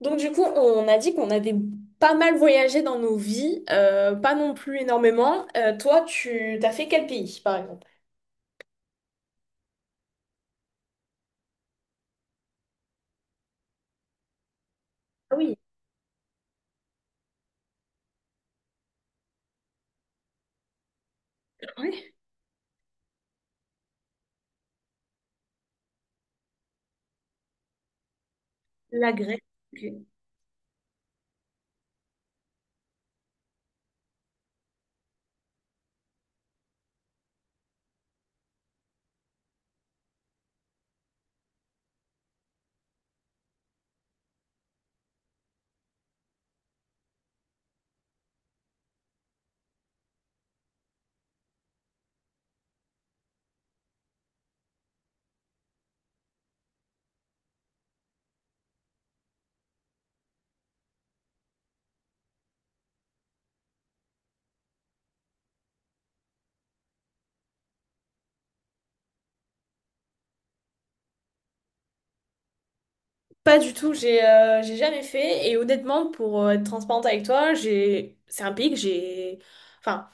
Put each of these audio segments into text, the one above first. Donc du coup, on a dit qu'on avait pas mal voyagé dans nos vies, pas non plus énormément. Toi, tu t'as fait quel pays, par exemple? Ah oui, ouais, la Grèce. Ok. Pas du tout, j'ai jamais fait et honnêtement, pour être transparente avec toi, j'ai c'est un pays que enfin,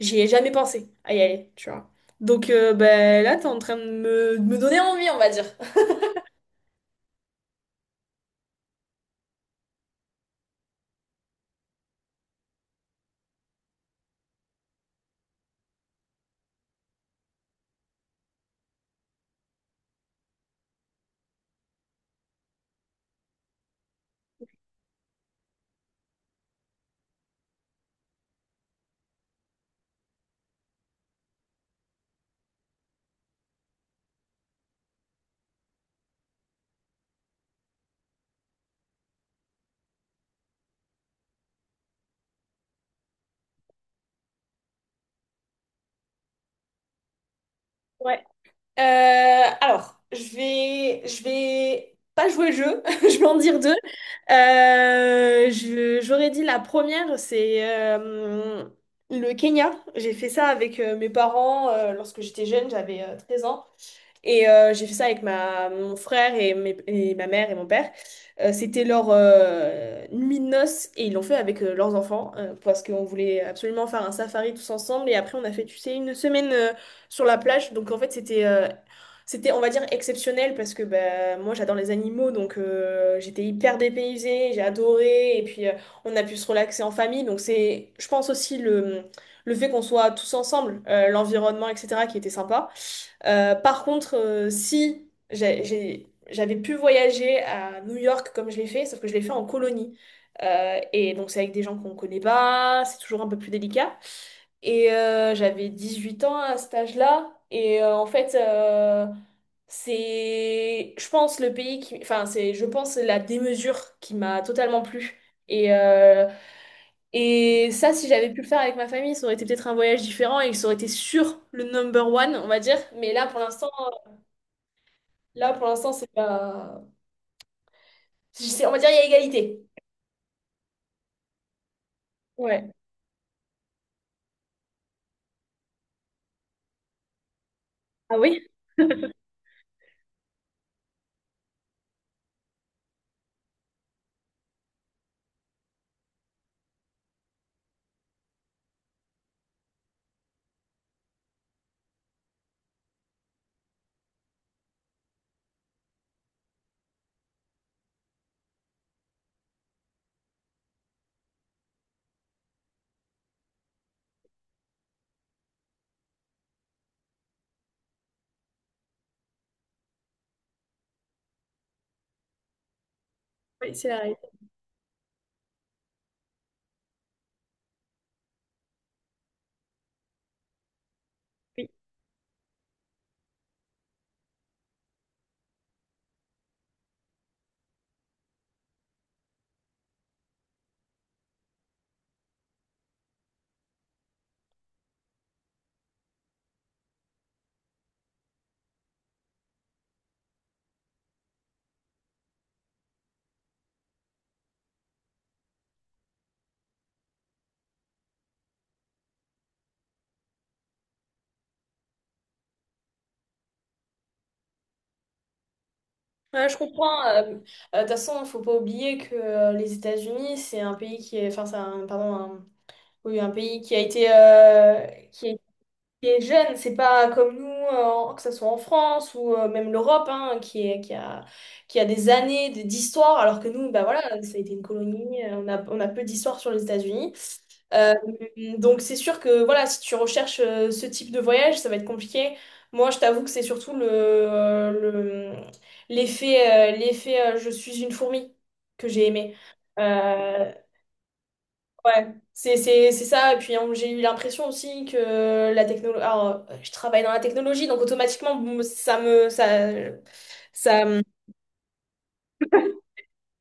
j'y ai jamais pensé à y aller, tu vois. Donc ben là, t'es en train de me donner envie, on va dire. Ouais. Euh, alors, je vais pas jouer le jeu, je vais en dire deux. J'aurais dit la première, c'est le Kenya. J'ai fait ça avec mes parents lorsque j'étais jeune, j'avais 13 ans. Et j'ai fait ça avec mon frère et ma mère et mon père. C'était leur nuit de noces et ils l'ont fait avec leurs enfants parce qu'on voulait absolument faire un safari tous ensemble. Et après, on a fait, tu sais, une semaine sur la plage. Donc en fait, c'était, on va dire, exceptionnel parce que bah, moi, j'adore les animaux. Donc j'étais hyper dépaysée, j'ai adoré. Et puis, on a pu se relaxer en famille. Donc c'est, je pense aussi, le fait qu'on soit tous ensemble, l'environnement, etc., qui était sympa. Par contre, si j'avais pu voyager à New York comme je l'ai fait, sauf que je l'ai fait en colonie. Et donc c'est avec des gens qu'on connaît pas, c'est toujours un peu plus délicat. Et j'avais 18 ans à cet âge-là. C'est, je pense, le pays qui... Enfin, c'est, je pense, la démesure qui m'a totalement plu. Et, euh, et ça, si j'avais pu le faire avec ma famille, ça aurait été peut-être un voyage différent et ça aurait été sur le number one, on va dire. Mais là, pour l'instant, là, pour l'instant, c'est pas. On va dire il y a égalité. Ouais. Ah oui? Oui, c'est la réalité. Oui. Ouais, je comprends. De toute façon, il ne faut pas oublier que les États-Unis, c'est un pays qui est, enfin, pardon, oui, un pays qui a été jeune. C'est pas comme nous, que ce soit en France ou même l'Europe, hein, qui a des années d'histoire, alors que nous, bah voilà, ça a été une colonie. On a peu d'histoire sur les États-Unis. Euh, donc c'est sûr que voilà, si tu recherches ce type de voyage, ça va être compliqué. Moi, je t'avoue que c'est surtout l'effet je suis une fourmi que j'ai aimé. Euh, ouais, c'est ça. Et puis hein, j'ai eu l'impression aussi que la technologie... Alors, je travaille dans la technologie, donc automatiquement, bon, ça me... ça,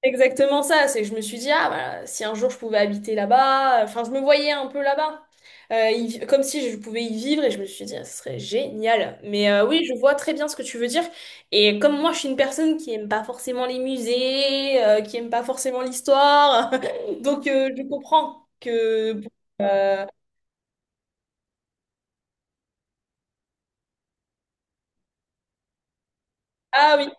Exactement ça. C'est que je me suis dit, ah, voilà, si un jour je pouvais habiter là-bas, enfin, je me voyais un peu là-bas. Comme si je pouvais y vivre et je me suis dit, ah, ce serait génial. Mais oui, je vois très bien ce que tu veux dire. Et comme moi, je suis une personne qui aime pas forcément les musées, qui aime pas forcément l'histoire, donc je comprends que. Euh, Ah oui,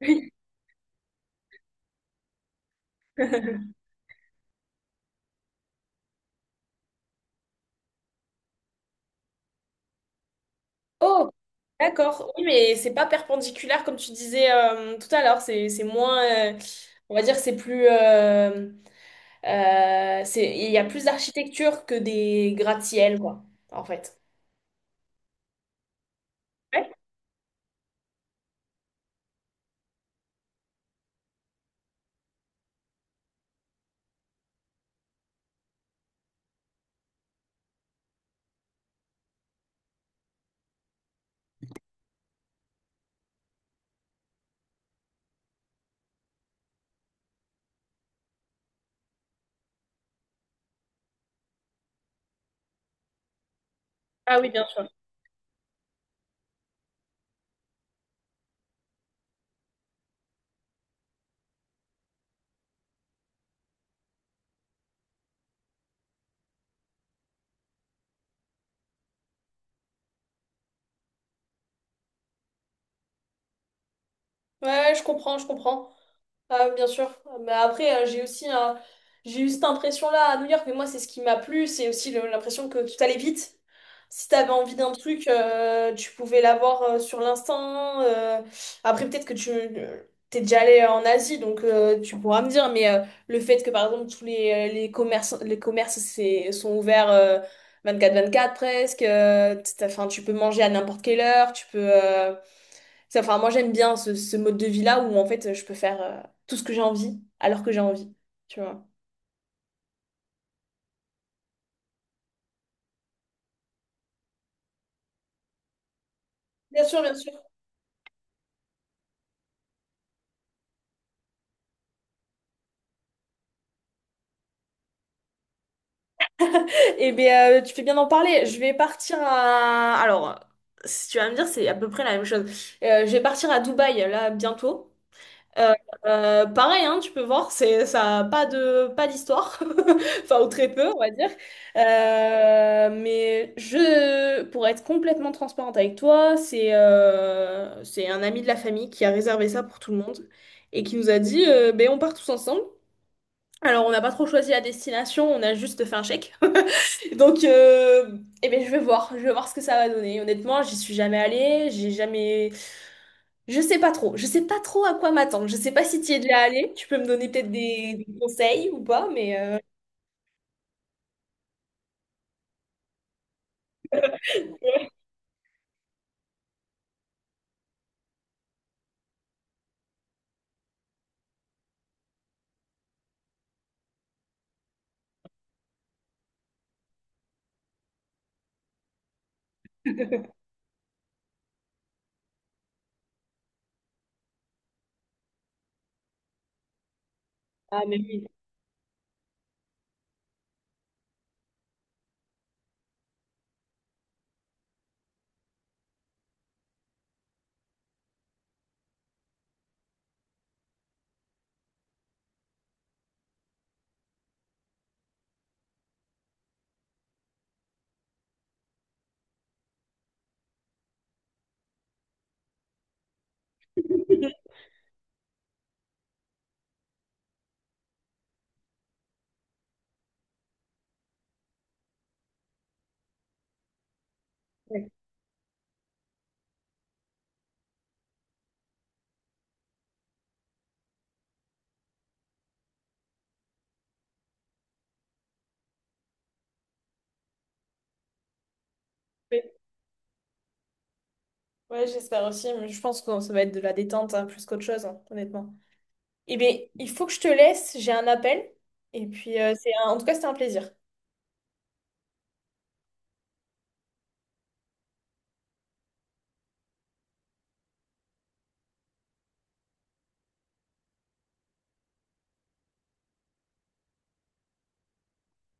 oui. Oui. Oh, d'accord. Oui, mais c'est pas perpendiculaire comme tu disais tout à l'heure. C'est moins. On va dire c'est plus. Il y a plus d'architecture que des gratte-ciel, quoi, en fait. Ouais. Ah oui, bien sûr. Ouais, je comprends, je comprends. Ah, oui, bien sûr. Mais après, j'ai aussi un... j'ai eu cette impression-là à New York, mais moi, c'est ce qui m'a plu. C'est aussi l'impression que tout allait vite. Si t'avais envie d'un truc, tu pouvais l'avoir sur l'instant. Après, peut-être que tu t'es déjà allé en Asie, donc tu pourras me dire. Mais le fait que, par exemple, tous les commerces sont ouverts 24-24 presque. Enfin, tu peux manger à n'importe quelle heure. Tu peux. Enfin, moi, j'aime bien ce mode de vie-là où, en fait, je peux faire tout ce que j'ai envie, alors que j'ai envie, tu vois. Bien sûr, bien sûr. Eh bien, tu fais bien d'en parler. Je vais partir à... Alors, si tu vas me dire, c'est à peu près la même chose. Je vais partir à Dubaï, là, bientôt. Euh, Pareil, hein, tu peux voir, ça a pas pas d'histoire, enfin, ou très peu, on va dire. Mais pour être complètement transparente avec toi, c'est un ami de la famille qui a réservé ça pour tout le monde et qui nous a dit, ben, on part tous ensemble. Alors, on n'a pas trop choisi la destination, on a juste fait un chèque. Donc, eh ben, je vais voir ce que ça va donner. Honnêtement, j'y suis jamais allée, j'ai jamais. Je sais pas trop. Je sais pas trop à quoi m'attendre. Je sais pas si tu y es déjà allé. Tu peux me donner peut-être des conseils ou pas, mais... Ah, mais oui. Ouais, oui. Ouais, j'espère aussi, mais je pense que ça va être de la détente hein, plus qu'autre chose, hein, honnêtement. Eh bien, il faut que je te laisse. J'ai un appel. Et puis, en tout cas, c'était un plaisir.